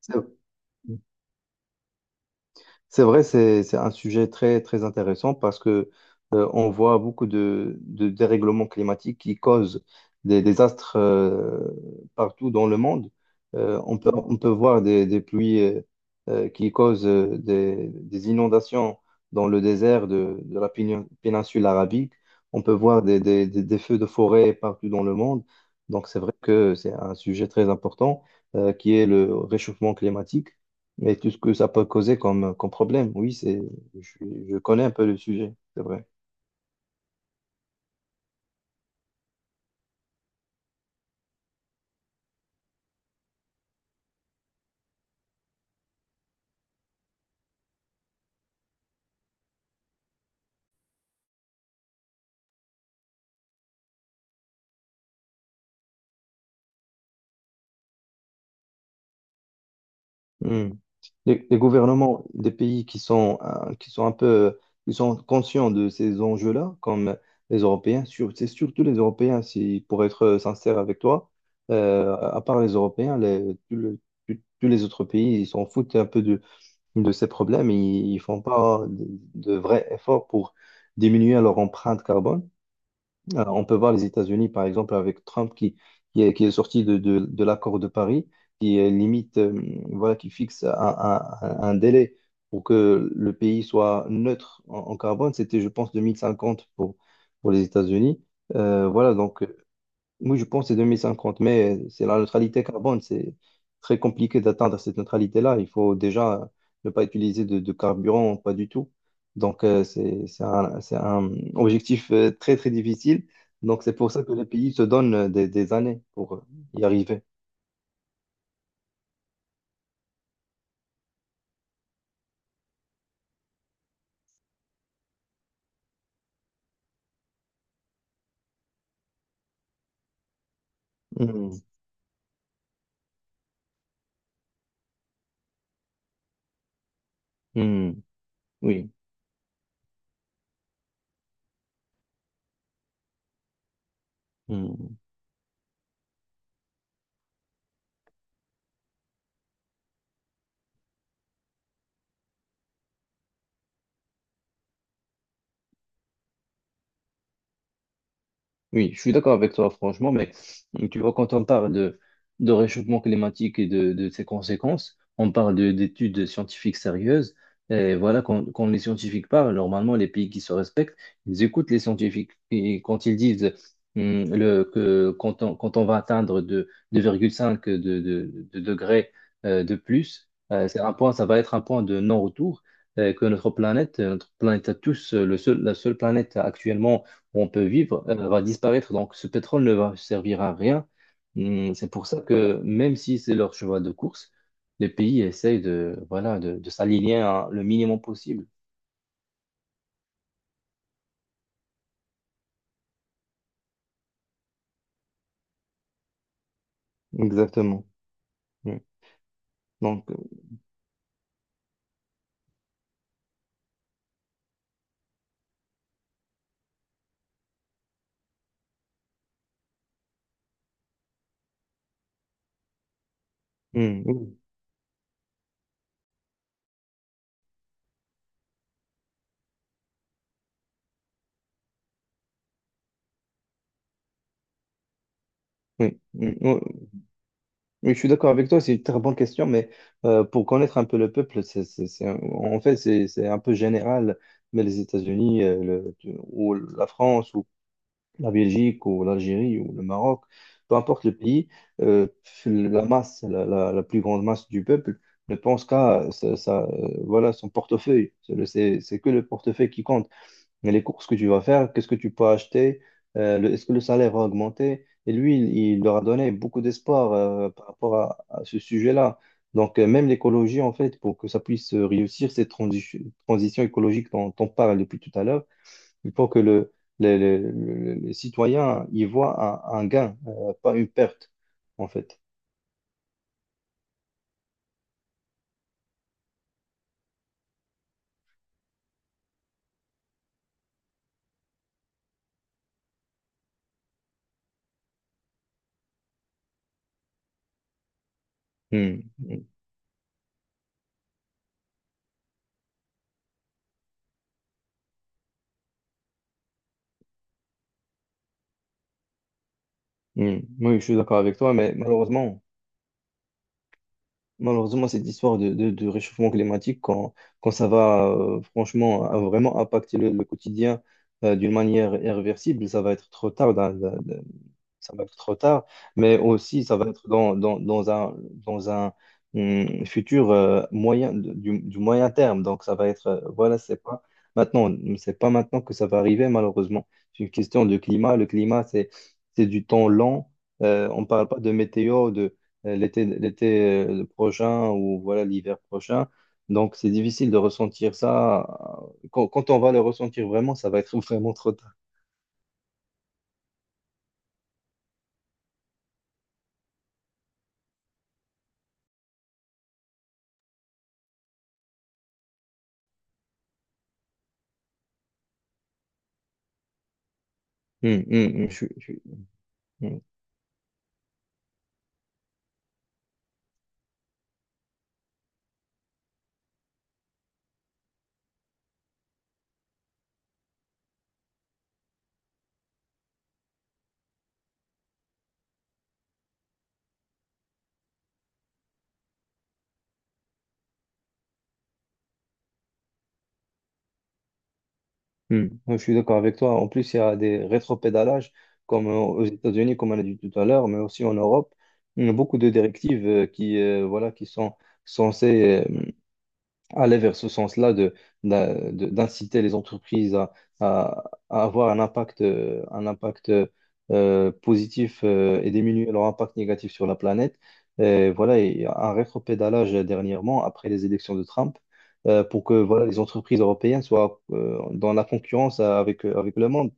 Ça- C'est vrai, c'est un sujet très, très intéressant parce que on voit beaucoup de dérèglements climatiques qui causent des désastres partout dans le monde. On peut voir des pluies qui causent des inondations dans le désert de la péninsule arabique. On peut voir des feux de forêt partout dans le monde. Donc c'est vrai que c'est un sujet très important qui est le réchauffement climatique. Mais tout ce que ça peut causer comme, problème, oui, c'est, je connais un peu le sujet, c'est vrai. Hmm. Les gouvernements des pays qui sont conscients de ces enjeux-là, comme les Européens, c'est surtout les Européens, si, pour être sincère avec toi, à part les Européens, tous les autres pays, ils s'en foutent un peu de ces problèmes, et ils font pas de vrais efforts pour diminuer leur empreinte carbone. On peut voir les États-Unis, par exemple, avec Trump qui est sorti de l'accord de Paris, qui euh, limite, euh, voilà, qui fixe un délai pour que le pays soit neutre en carbone. C'était, je pense, 2050 pour les États-Unis. Voilà, donc moi, je pense que c'est 2050, mais c'est la neutralité carbone. C'est très compliqué d'atteindre cette neutralité-là. Il faut déjà ne pas utiliser de carburant, pas du tout. Donc, c'est un objectif très, très difficile. Donc, c'est pour ça que les pays se donnent des années pour y arriver. Mhm. Mhm. Oui. Oui, je suis d'accord avec toi, franchement, mais tu vois, quand on parle de réchauffement climatique et de ses conséquences, on parle d'études scientifiques sérieuses. Et voilà, quand, quand les scientifiques parlent, normalement, les pays qui se respectent, ils écoutent les scientifiques. Et quand ils disent que quand on va atteindre 2,5 de degrés de plus, c'est un point, ça va être un point de non-retour, que notre planète à tous, la seule planète actuellement où on peut vivre, va disparaître. Donc, ce pétrole ne va servir à rien. C'est pour ça que même si c'est leur cheval de course, les pays essayent de, voilà, de s'aligner à le minimum possible. Exactement. Mm. Donc, oui, oui, oui. Oui, je suis d'accord avec toi, c'est une très bonne question, mais pour connaître un peu le peuple, en fait, c'est un peu général, mais les États-Unis ou la France, la Belgique ou l'Algérie ou le Maroc, peu importe le pays, euh, la masse, la plus grande masse du peuple ne pense qu'à voilà, son portefeuille. C'est que le portefeuille qui compte. Mais les courses que tu vas faire, qu'est-ce que tu peux acheter, est-ce que le salaire va augmenter? Et lui, il leur a donné beaucoup d'espoir par rapport à ce sujet-là. Donc, même l'écologie, en fait, pour que ça puisse réussir, cette transition écologique dont on parle depuis tout à l'heure, il faut que le citoyen y voit un gain, pas une perte, en fait. Hmm, hmm, hmm. Oui, je suis d'accord avec toi, mais malheureusement, cette histoire de réchauffement climatique, quand ça va franchement vraiment impacter le quotidien d'une manière irréversible, ça va être trop tard. Ça va être trop tard, mais aussi ça va être dans un futur moyen, du moyen terme. Donc ça va être, voilà, maintenant, c'est pas maintenant, que ça va arriver, malheureusement. C'est une question de climat. Le climat, c'est du temps lent. On parle pas de météo, de l'été, l'été prochain ou voilà l'hiver prochain. Donc c'est difficile de ressentir ça. Quand on va le ressentir vraiment, ça va être vraiment trop tard. Hum, hum, hum, je suis- je suis- hum. Hmm. Ouais, je suis d'accord avec toi. En plus, il y a des rétropédalages, comme aux États-Unis, comme on a dit tout à l'heure, mais aussi en Europe. Il y a beaucoup de directives voilà, qui sont censées aller vers ce sens-là de, d'inciter les entreprises à- à avoir un impact positif et diminuer leur impact négatif sur la planète. Et voilà, il y a un rétropédalage dernièrement après les élections de Trump pour que voilà, les entreprises européennes soient dans la concurrence avec le monde.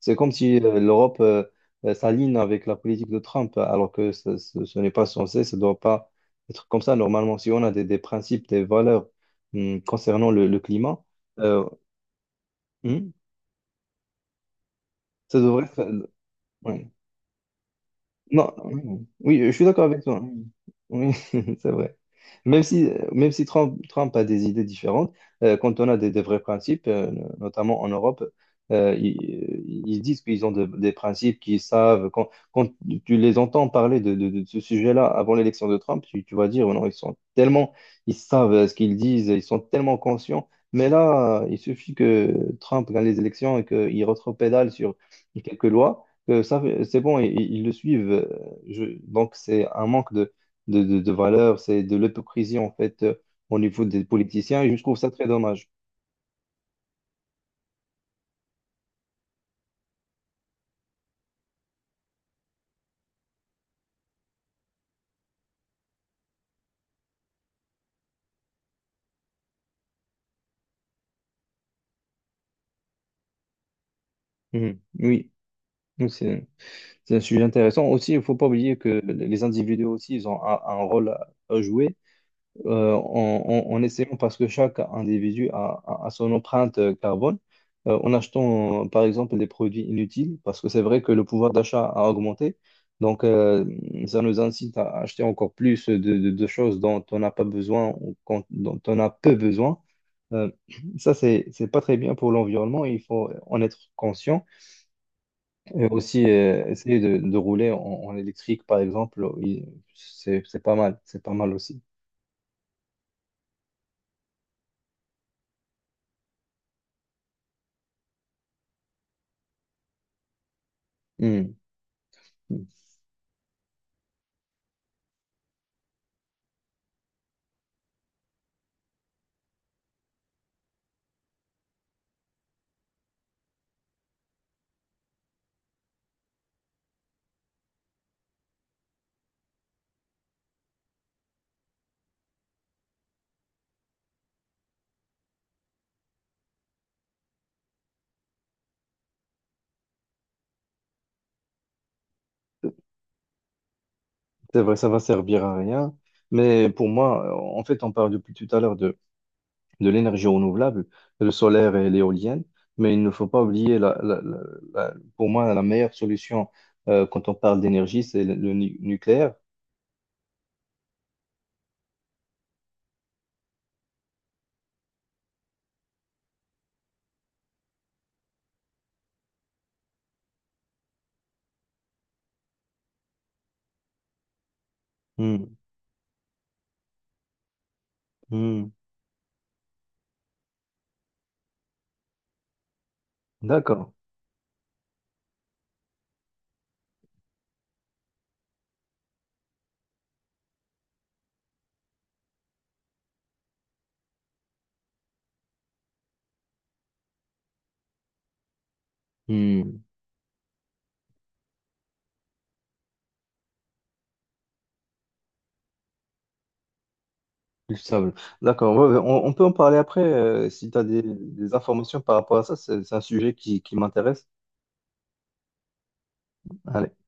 C'est comme si l'Europe s'aligne avec la politique de Trump, alors que ce n'est pas censé, ça ne doit pas être comme ça. Normalement, si on a des principes, des valeurs, concernant le climat, euh, hmm, ça devrait faire- ouais. Non, non. Oui, je suis d'accord avec toi, hein. Oui, c'est vrai. Même si Trump, a des idées différentes, quand on a des vrais principes, no, notamment en Europe, euh, ils, ils disent qu'ils ont des principes qu'ils savent. Quand tu les entends parler de ce sujet-là avant l'élection de Trump, tu vas dire, oh non, ils sont tellement, ils savent ce qu'ils disent, ils sont tellement conscients. Mais là, il suffit que Trump gagne les élections et qu'il retropédale sur quelques lois c'est bon, ils le suivent. Donc, c'est un manque de valeur, c'est de l'hypocrisie, en fait, au niveau des politiciens, et je trouve ça très dommage. Mhm. Oui. Oui, c'est, un sujet intéressant. Aussi, il ne faut pas oublier que les individus aussi, ils ont un rôle à jouer. En essayant, parce que chaque individu a son empreinte carbone, en achetant par exemple des produits inutiles, parce que c'est vrai que le pouvoir d'achat a augmenté. Donc, ça nous incite à acheter encore plus de choses dont on n'a pas besoin ou dont on a peu besoin. Euh, Ça, c'est pas très bien pour l'environnement. Il faut en être conscient. Et aussi, essayer de rouler en électrique, par exemple, c'est pas mal. C'est pas mal aussi. Hmm. C'est vrai, ça va servir à rien. Mais pour moi, en fait, on parle depuis tout à l'heure de l'énergie renouvelable, le solaire et l'éolienne, mais il ne faut pas oublier, pour moi, la meilleure solution quand on parle d'énergie, c'est le nucléaire. Hmm, hmm. D'accord. Hmm, le sable. D'accord. Ouais, ouais, on peut en parler après si tu as des informations par rapport à ça. C'est un sujet qui m'intéresse. Allez.